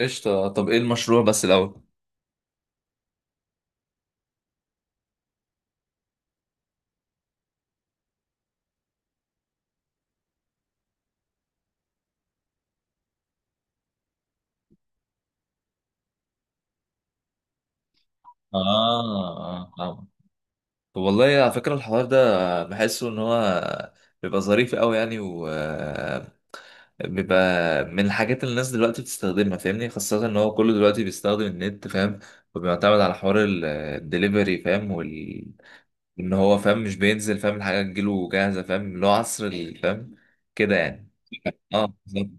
قشطة، طب ايه المشروع بس الأول؟ اه اه آه. طب والله على فكرة الحوار ده بحسه إن هو بيبقى ظريف أوي، يعني وبيبقى من الحاجات اللي الناس دلوقتي بتستخدمها، فاهمني؟ خاصة إن هو كله دلوقتي بيستخدم النت، فاهم؟ وبيعتمد على حوار الدليفري، فاهم؟ إن هو فاهم، مش بينزل، فاهم؟ الحاجة تجيله جاهزة، فاهم؟ اللي هو عصر فاهم؟ كده يعني. اه، بالظبط.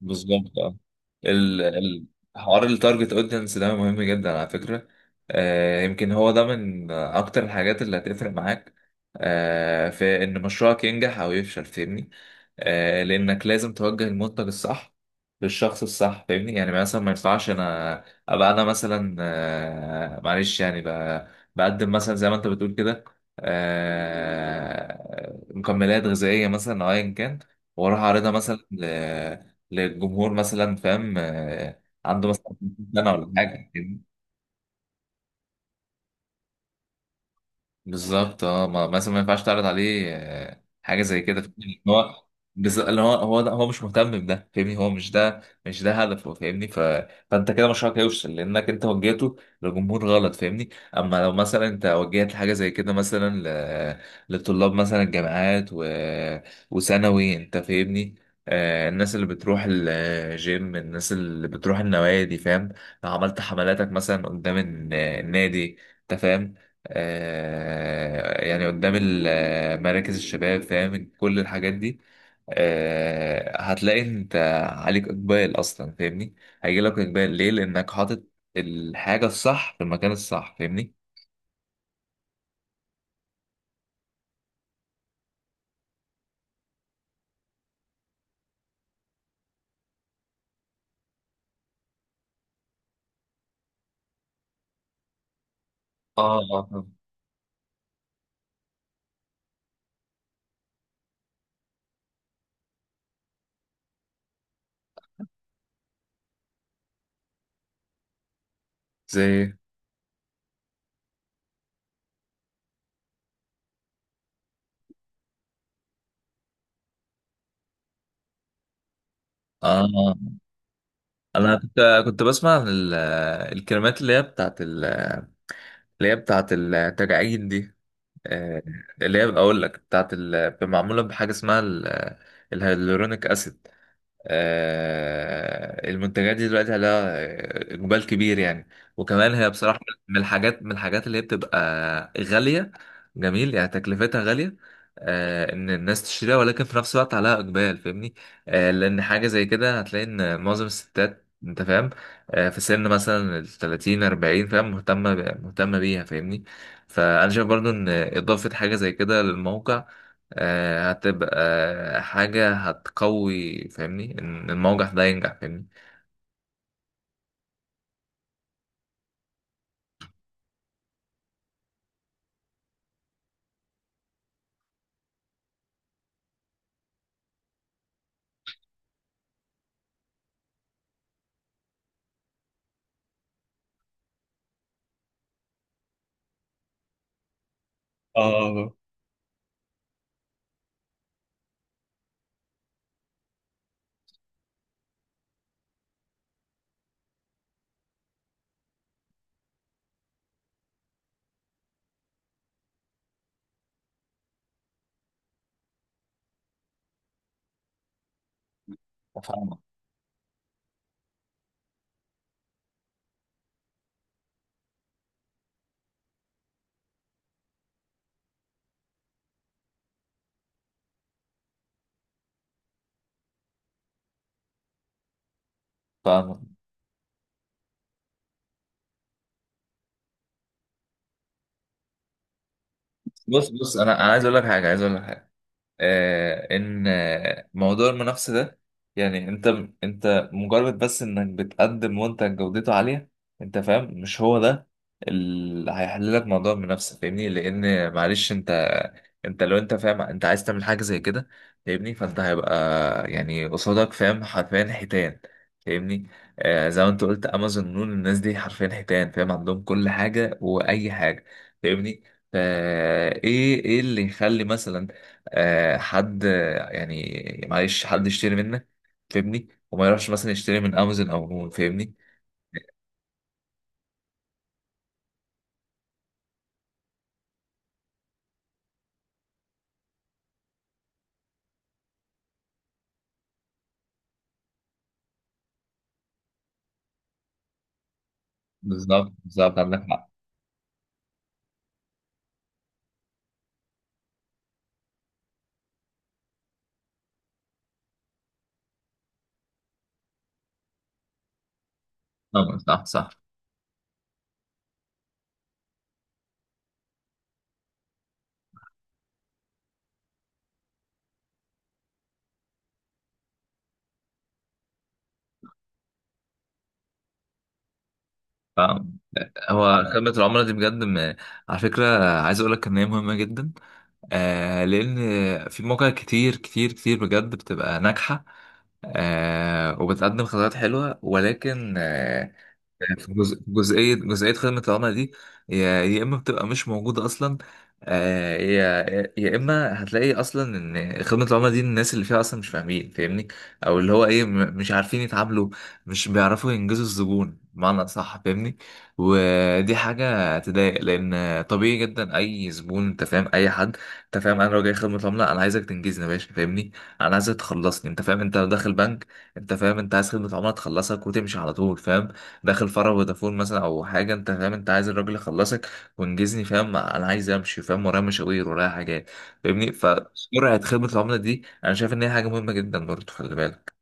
بالظبط. اه. ال ال- حوار التارجت اودينس ده مهم جدا على فكرة. آه، يمكن هو ده من اكتر الحاجات اللي هتفرق معاك، آه، في ان مشروعك ينجح او يفشل، فاهمني؟ آه، لانك لازم توجه المنتج الصح للشخص الصح، فاهمني؟ يعني مثلا ما ينفعش انا ابقى انا مثلا آه، معلش يعني بقدم مثلا زي ما انت بتقول كده، آه، مكملات غذائية مثلا او ايا كان، واروح اعرضها مثلا للجمهور مثلا، فاهم؟ عنده مثلا 50 سنة ولا حاجة. بالظبط، اه، ما مثلا ما ينفعش تعرض عليه حاجه زي كده، فاهمني؟ إن هو اللي هو هو ده، هو مش مهتم بده، فاهمني؟ هو مش ده، مش ده هدفه، فاهمني؟ فانت كده مشروعك هيفشل لانك انت وجهته لجمهور غلط، فاهمني؟ اما لو مثلا انت وجهت حاجه زي كده، مثلا لطلاب مثلا الجامعات و وثانوي انت، فاهمني؟ آه، الناس اللي بتروح الجيم، الناس اللي بتروح النوادي، فاهم؟ لو عملت حملاتك مثلا قدام النادي انت، فاهم؟ آه، يعني قدام مراكز الشباب، فاهم؟ كل الحاجات دي آه، هتلاقي انت عليك اقبال اصلا، فاهمني؟ هيجي لك اقبال، ليه؟ لانك حاطط الحاجه الصح في المكان الصح، فاهمني؟ اه اه آه. زي، اه. انا كنت بسمع عن الكلمات اللي هي بتاعت اللي هي بتاعت التجاعيد دي، آه، اللي هي اقول لك بتاعت معموله بحاجه اسمها الهيالورونيك اسيد. آه، المنتجات دي دلوقتي عليها اقبال كبير يعني، وكمان هي بصراحه من الحاجات اللي هي بتبقى غاليه. جميل، يعني تكلفتها غاليه، آه، ان الناس تشتريها، ولكن في نفس الوقت عليها اقبال، فاهمني؟ آه، لان حاجه زي كده هتلاقي ان معظم الستات انت فاهم، آه، في سن مثلا ال 30 40 فاهم، مهتمه مهتمه بيها، فاهمني؟ فانا شايف برضو ان اضافه حاجه زي كده للموقع، آه، هتبقى حاجة هتقوي، فاهمني؟ إن الموقف ده ينجح، فاهمني؟ اه. فاهمك، فاهمك. بص أنا عايز أقول لك حاجة، عايز أقول لك حاجة، آه، ان آه، موضوع المنافسه ده، يعني انت مجرد بس انك بتقدم منتج جودته عاليه، انت فاهم؟ مش هو ده اللي هيحل لك موضوع المنافسه، فاهمني؟ لان معلش انت، لو انت فاهم، انت عايز تعمل حاجه زي كده، فاهمني؟ فانت هيبقى يعني قصادك، فاهم، حرفيا حيتان، فاهمني؟ آه، زي ما انت قلت، امازون، نون، الناس دي حرفيا حيتان، فاهم؟ عندهم كل حاجه واي حاجه، فاهمني؟ فا ايه ايه اللي يخلي مثلا آه، حد يعني معلش حد يشتري منك، فاهمني؟ وما يروحش مثلا يشتري من امازون او من، فاهمني؟ بالظبط، بالظبط، عندك حق. طبعا، صح صح. ف- هو خدمة العملاء دي بجد على فكرة، عايز اقول لك ان هي مهمة جدا، آه، لان في مواقع كتير بجد بتبقى ناجحة، آه، وبتقدم خدمات حلوة، ولكن آه، في جزئية خدمة العملاء دي، يا إما بتبقى مش موجودة أصلا، آه، يا إما هتلاقي أصلا إن خدمة العملاء دي الناس اللي فيها أصلا مش فاهمين، فاهمني؟ أو اللي هو إيه مش عارفين يتعاملوا، مش بيعرفوا ينجزوا الزبون بمعنى صح، فاهمني؟ ودي حاجة تضايق، لأن طبيعي جدا أي زبون أنت فاهم، أي حد أنت فاهم، أنا لو جاي خدمة عملاء أنا عايزك تنجزني يا باشا، فاهمني؟ أنا عايزك تخلصني، أنت فاهم، أنت لو داخل بنك، أنت فاهم، أنت عايز خدمة عملاء تخلصك وتمشي على طول، فاهم؟ داخل فرع فودافون مثلا او حاجه، انت فاهم، انت عايز الراجل يخلصك وانجزني، فاهم؟ انا عايز امشي، فاهم؟ ورايا مشاوير ورايا حاجات، فاهمني؟ فسرعه خدمه العملاء دي انا شايف ان هي حاجه مهمه جدا برضه، خلي بالك.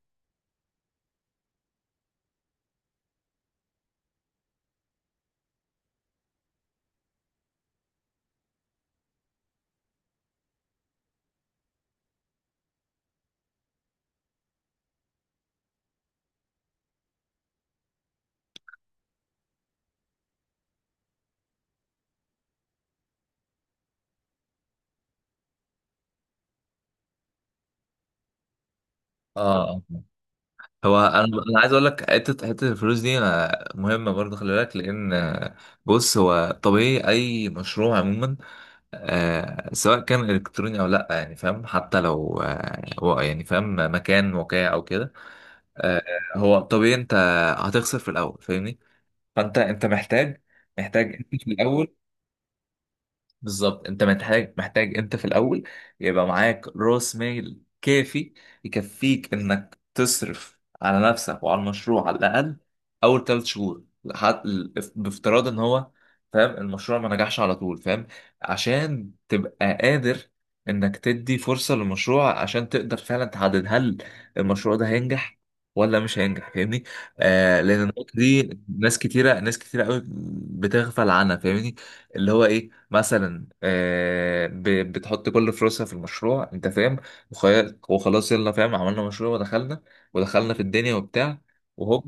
اه. هو انا، عايز اقول لك حته الفلوس دي أنا مهمه برضه، خلي بالك، لان آه، بص، هو طبيعي اي مشروع عموما آه، سواء كان الكتروني او لا، يعني فاهم؟ حتى لو آه، هو يعني فاهم، مكان وقع او كده، آه، هو طبيعي انت هتخسر في الاول، فاهمني؟ فانت، محتاج، محتاج في الاول. بالظبط، انت محتاج، محتاج في الاول يبقى معاك راس مال كافي، يكفيك انك تصرف على نفسك وعلى المشروع، على الاقل اول ثلاث شهور، لحد، بافتراض ان هو فاهم المشروع ما نجحش على طول، فاهم؟ عشان تبقى قادر انك تدي فرصة للمشروع، عشان تقدر فعلا تحدد هل المشروع ده هينجح ولا مش هينجح، فاهمني؟ آه، لان النقطة دي، ناس كتيرة، ناس كتيرة قوي بتغفل عنها، فاهمني؟ اللي هو ايه مثلا، آه، بتحط كل فلوسها في المشروع انت فاهم، وخلاص يلا، فاهم؟ عملنا مشروع ودخلنا، في الدنيا وبتاع، وهوب،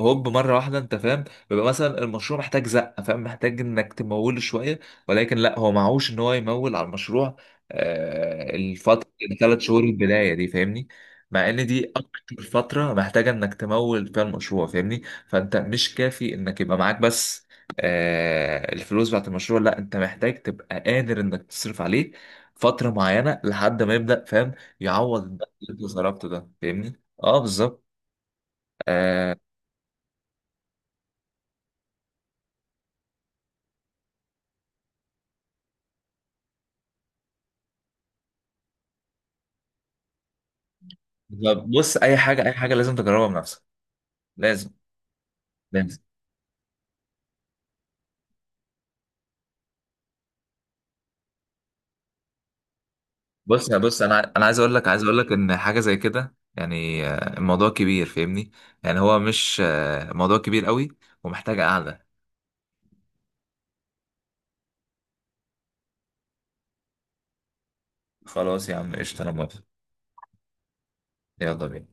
هوب، مره واحده انت فاهم، بيبقى مثلا المشروع محتاج زقه، فاهم؟ محتاج انك تموله شويه، ولكن لا، هو معهوش ان هو يمول على المشروع، آه، الفتره الثلاث شهور البدايه دي، فاهمني؟ مع ان دي اكتر فتره محتاجه انك تمول فيها المشروع، فاهمني؟ فانت مش كافي انك يبقى معاك بس آه، الفلوس بتاعت المشروع، لا، انت محتاج تبقى قادر انك تصرف عليه فترة معينة لحد ما يبدأ، فاهم؟ يعوض الدخل اللي انت صرفته ده، فاهمني؟ اه، بالظبط. آه. طب بص، اي حاجة، اي حاجة لازم تجربها بنفسك، لازم، لازم. بص، يا بص انا، عايز اقول لك، ان حاجة زي كده يعني آه، الموضوع كبير، فاهمني؟ يعني هو مش آه، موضوع كبير قوي، ومحتاج قعدة. خلاص يا عم، قشطة، انا موافق. يلا بينا.